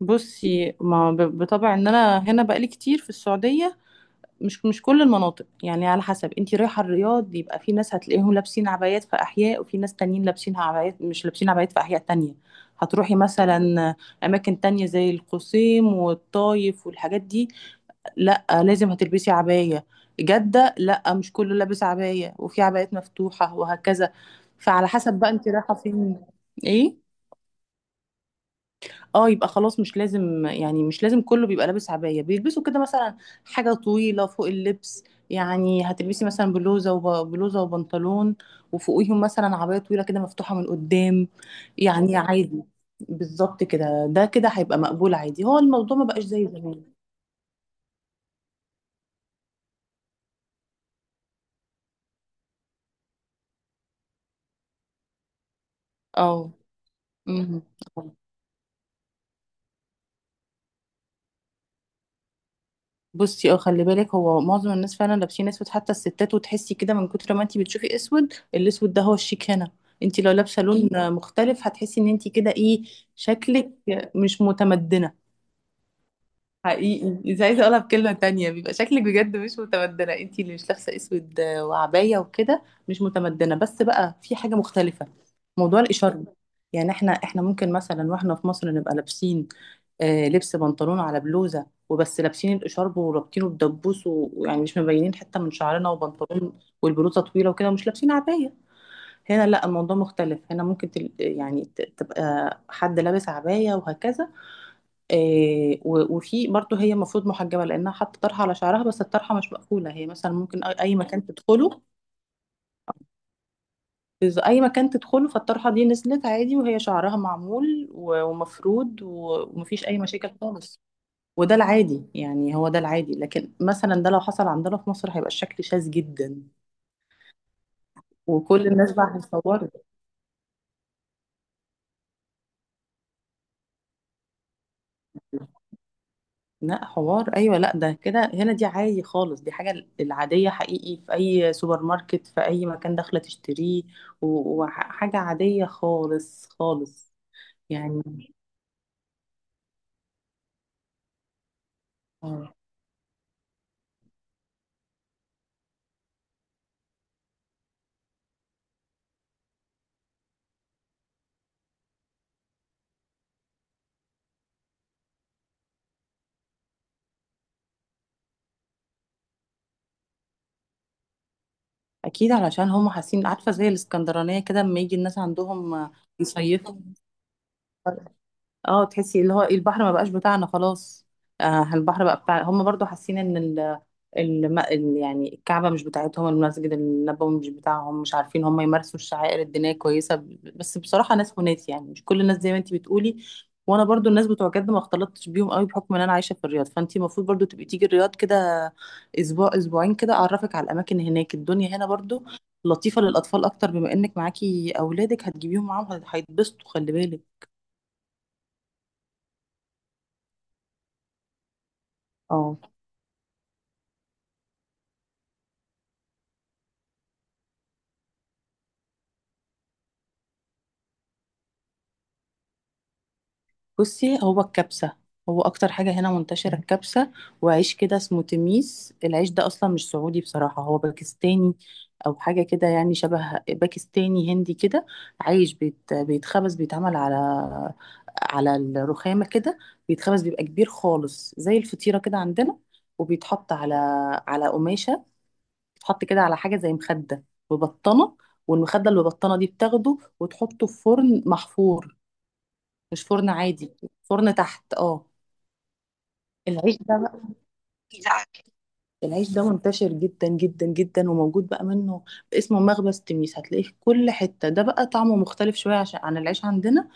بصي ما ب- بطبع ان انا هنا بقالي كتير في السعوديه. مش كل المناطق، يعني على حسب انتي رايحه. الرياض يبقى في ناس هتلاقيهم لابسين عبايات في احياء، وفي ناس تانيين لابسين عبايات مش لابسين عبايات في احياء تانية. هتروحي مثلا اماكن تانية زي القصيم والطايف والحاجات دي، لا لازم هتلبسي عبايه. جده لا، مش كله لابس عبايه، وفي عبايات مفتوحه وهكذا. فعلى حسب بقى انتي رايحه فين؟ ايه؟ اه يبقى خلاص مش لازم، يعني مش لازم كله بيبقى لابس عباية. بيلبسوا كده مثلا حاجة طويلة فوق اللبس، يعني هتلبسي مثلا بلوزة وبلوزة وبنطلون، وفوقيهم مثلا عباية طويلة كده مفتوحة من قدام، يعني عادي. بالظبط كده، ده كده هيبقى مقبول عادي، هو الموضوع ما بقاش زي زمان. اه، مهم. بصي، اه خلي بالك، هو معظم الناس فعلا لابسين اسود حتى الستات، وتحسي كده من كتر ما انتي بتشوفي اسود. الاسود ده هو الشيك هنا. انتي لو لابسه لون مختلف، هتحسي ان انتي كده ايه، شكلك مش متمدنه. حقيقي اذا عايزه اقولها بكلمه تانية، بيبقى شكلك بجد مش متمدنه. انتي اللي مش لابسه اسود وعبايه وكده مش متمدنه، بس بقى في حاجه مختلفه. موضوع الاشاره، يعني احنا ممكن مثلا واحنا في مصر نبقى لابسين لبس بنطلون على بلوزة وبس، لابسين الإشارب ورابطينه بدبوس ويعني مش مبينين حتة من شعرنا، وبنطلون والبلوزة طويلة وكده، ومش لابسين عباية. هنا لا، الموضوع مختلف. هنا ممكن يعني تبقى حد لابس عباية وهكذا. وفي برضه هي المفروض محجبة، لأنها حاطة طرحة على شعرها، بس الطرحة مش مقفولة. هي مثلا ممكن أي مكان تدخله، اي مكان تدخله فالطرحه دي نزلت عادي، وهي شعرها معمول ومفرود ومفيش اي مشاكل خالص. وده العادي، يعني هو ده العادي. لكن مثلا ده لو حصل عندنا في مصر هيبقى الشكل شاذ جدا، وكل الناس بقى هتصور. لا حوار، ايوه، لا ده كده هنا دي عادي خالص، دي حاجه العاديه حقيقي. في اي سوبر ماركت، في اي مكان داخله تشتريه، وحاجه عاديه خالص خالص، يعني. آه. اكيد علشان هم حاسين، عارفه زي الاسكندرانيه كده لما يجي الناس عندهم يصيفوا، اه تحسي اللي هو البحر ما بقاش بتاعنا خلاص. آه البحر بقى بتاع هم، برضو حاسين ان يعني الكعبة مش بتاعتهم، المسجد النبوي مش بتاعهم، مش عارفين هم يمارسوا الشعائر الدينية كويسة. بس بصراحة ناس وناس، يعني مش كل الناس زي ما انت بتقولي. وانا برضو الناس بتوع جد ما اختلطتش بيهم قوي، بحكم ان انا عايشة في الرياض. فانت المفروض برضو تبقي تيجي الرياض كده 1 2 كده، اعرفك على الاماكن هناك. الدنيا هنا برضو لطيفة للاطفال اكتر، بما انك معاكي اولادك هتجيبيهم معاهم، هيتبسطوا خلي بالك. اه. بصي هو الكبسة، هو أكتر حاجة هنا منتشرة الكبسة. وعيش كده اسمه تميس، العيش ده أصلا مش سعودي بصراحة، هو باكستاني أو حاجة كده، يعني شبه باكستاني هندي كده. عيش بيت، بيتخبز، بيتعمل على على الرخامة كده، بيتخبز، بيبقى كبير خالص زي الفطيرة كده عندنا، وبيتحط على على قماشة، بيتحط كده على حاجة زي مخدة وبطانة، والمخدة اللي ببطانة دي بتاخده وتحطه في فرن محفور، مش فرن عادي، فرن تحت، اه. العيش ده بقى، العيش ده منتشر جدا جدا جدا، وموجود بقى منه، اسمه مخبز تميس، هتلاقيه في كل حتة. ده بقى طعمه مختلف شوية عشان عن العيش عندنا،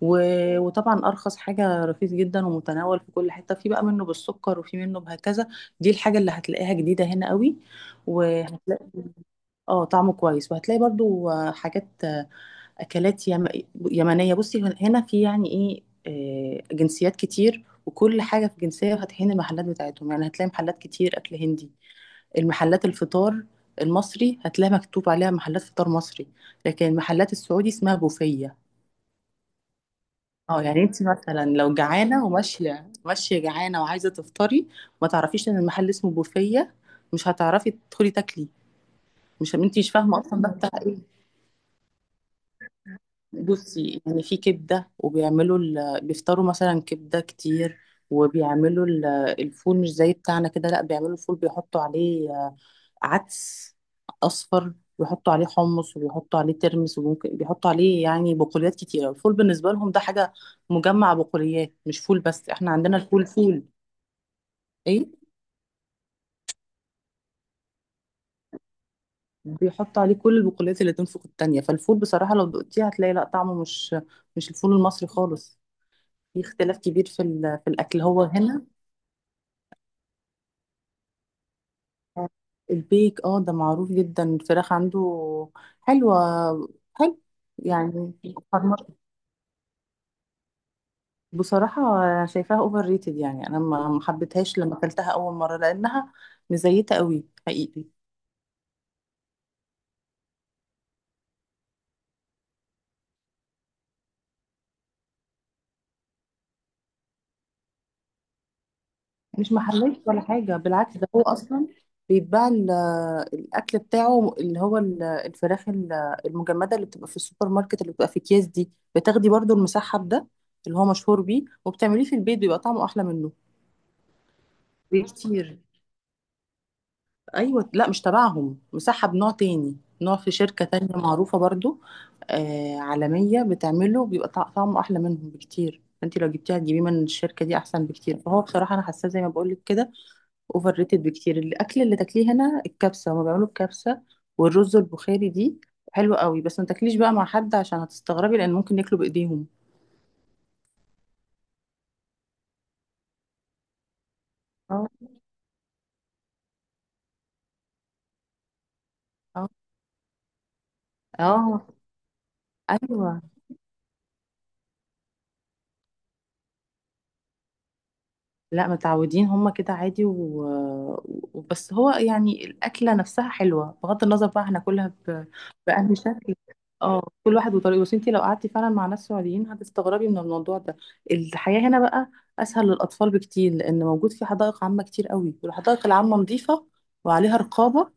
و... وطبعا أرخص حاجة، رخيص جدا ومتناول في كل حتة. في بقى منه بالسكر، وفي منه بهكذا. دي الحاجة اللي هتلاقيها جديدة هنا قوي. وهتلاقي اه طعمه كويس. وهتلاقي برضو حاجات، اكلات يم... يمنيه. بصي هنا في، يعني ايه، جنسيات كتير، وكل حاجه في جنسيه فاتحين المحلات بتاعتهم، يعني هتلاقي محلات كتير اكل هندي. المحلات الفطار المصري هتلاقي مكتوب عليها محلات فطار مصري، لكن محلات السعودي اسمها بوفيه. اه يعني انت مثلا لو جعانه وماشيه ماشيه جعانه وعايزه تفطري، ما تعرفيش ان المحل اسمه بوفيه، مش هتعرفي تدخلي تاكلي، مش انت مش فاهمه اصلا ده بتاع ايه. بصي يعني في كبدة، وبيعملوا بيفطروا مثلا كبدة كتير، وبيعملوا الفول مش زي بتاعنا كده، لا بيعملوا الفول بيحطوا عليه عدس أصفر، ويحطوا عليه حمص، وبيحطوا عليه ترمس، وممكن بيحطوا عليه يعني بقوليات كتيرة. الفول بالنسبة لهم ده حاجة مجمع بقوليات، مش فول بس. احنا عندنا الفول فول. ايه بيحطوا عليه كل البقوليات اللي تنفخ التانية. فالفول بصراحة لو دقتيه هتلاقي لا طعمه مش مش الفول المصري خالص. في اختلاف كبير في في الأكل هو هنا. البيك اه ده معروف جدا، الفراخ عنده حلوة، حلو يعني. فرمت- بصراحة شايفاها اوفر ريتد، يعني انا ما حبيتهاش لما اكلتها اول مرة، لانها مزيتة قوي حقيقي. مش محلية ولا حاجة بالعكس، ده هو اصلا بيتباع الاكل بتاعه اللي هو الفراخ المجمدة اللي بتبقى في السوبر ماركت، اللي بتبقى في اكياس دي، بتاخدي برضو المسحب ده اللي هو مشهور بيه، وبتعمليه في البيت بيبقى طعمه احلى منه بكتير. ايوه لا مش تبعهم، مساحه بنوع تاني، نوع في شركه تانية معروفه برضو، آه عالميه، بتعمله بيبقى طعمه احلى منهم بكتير. انت لو جبتيها تجيبيه من الشركه دي احسن بكتير. فهو بصراحه انا حاساه زي ما بقول لك كده، اوفر ريتد بكتير. الاكل اللي تاكليه هنا الكبسه، هما بيعملوا الكبسه والرز البخاري دي حلوه قوي، بس ما تاكليش بقى مع حد عشان هتستغربي، لان ممكن ياكلوا بايديهم. اه، اه، آه، ايوه. لا متعودين هما كده عادي، و... وبس هو يعني الأكلة نفسها حلوة بغض النظر بقى هناكلها بأنهي شكل. اه كل واحد وطريقه، بس انتي لو قعدتي فعلا مع ناس سعوديين هتستغربي من الموضوع ده. الحياة هنا بقى أسهل للأطفال بكتير، لأن موجود في حدائق عامة كتير قوي، والحدائق العامة نظيفة وعليها رقابة،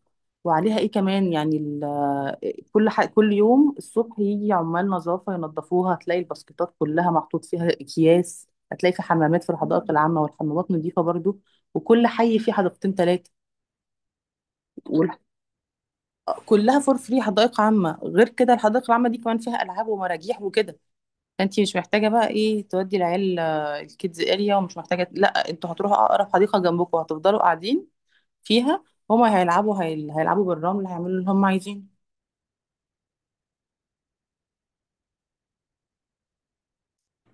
وعليها ايه كمان، يعني كل يوم الصبح يجي عمال نظافه ينظفوها، هتلاقي الباسكتات كلها محطوط فيها اكياس، هتلاقي في حمامات في الحدائق العامه، والحمامات نظيفه برضو، وكل حي فيه حديقتين ثلاثه، كلها فور فري. حدائق عامه، غير كده الحدائق العامه دي كمان فيها العاب ومراجيح وكده. فانت مش محتاجه بقى ايه، تودي العيال الكيدز اريا، ومش محتاجه. لا، انتوا هتروحوا اقرب حديقه جنبكم، هتفضلوا قاعدين فيها، هما هيلعبوا، هيلعبوا بالرمل، هيعملوا اللي هما عايزينه.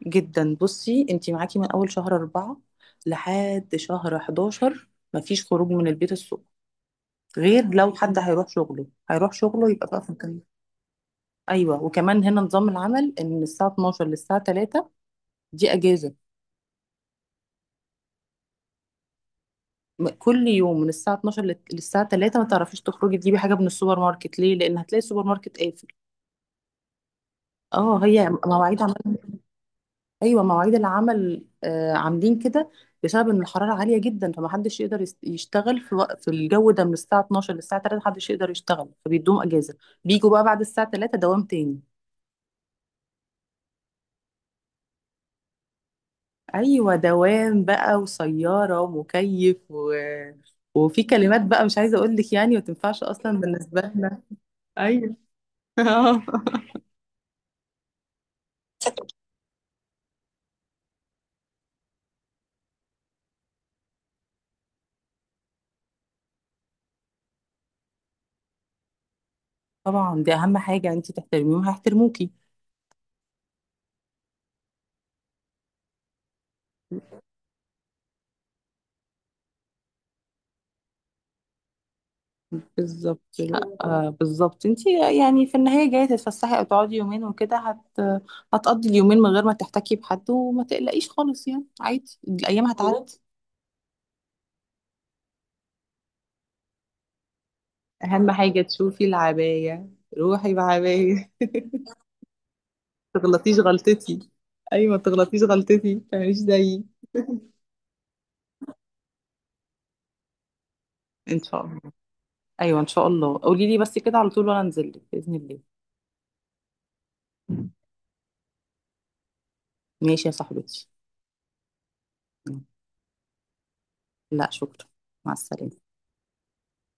جدا. بصي انتي معاكي من اول شهر أربعة لحد شهر 11 مفيش خروج من البيت الصبح، غير لو حد هيروح شغله هيروح شغله، يبقى بقى في مكان. ايوه وكمان هنا نظام العمل ان من الساعه 12 للساعه 3 دي اجازه. كل يوم من الساعه 12 للساعه 3 ما تعرفيش تخرجي تجيبي حاجه من السوبر ماركت، ليه؟ لان هتلاقي السوبر ماركت قافل. اه، هي مواعيد عمل. ايوه مواعيد العمل، عاملين كده بسبب ان الحراره عاليه جدا، فمحدش يقدر يشتغل في وقت، في الجو ده من الساعه 12 للساعه 3 محدش يقدر يشتغل، فبيدوم اجازه، بيجوا بقى بعد الساعه 3 دوام تاني. ايوه دوام بقى، وسياره ومكيف و... وفي كلمات بقى مش عايزه اقول لك، يعني ما تنفعش اصلا بالنسبه لنا. ايوه. طبعا دي اهم حاجه، يعني انت تحترميهم هيحترموكي. بالظبط، لا بالظبط. انت يعني في النهاية جاية تتفسحي او تقعدي 2 وكده، هتقضي اليومين من غير ما تحتكي بحد، وما تقلقيش خالص، يعني عادي الايام هتعدي. اهم حاجة تشوفي العباية، روحي بعباية. تغلطيش غلطتي، ايوه ما تغلطيش غلطتي، ما تعمليش زيي. ان شاء الله. ايوه ان شاء الله، قولي لي بس كده على طول وانا انزل لك باذن الله. ماشي يا صاحبتي. لا شكرا. مع السلامة.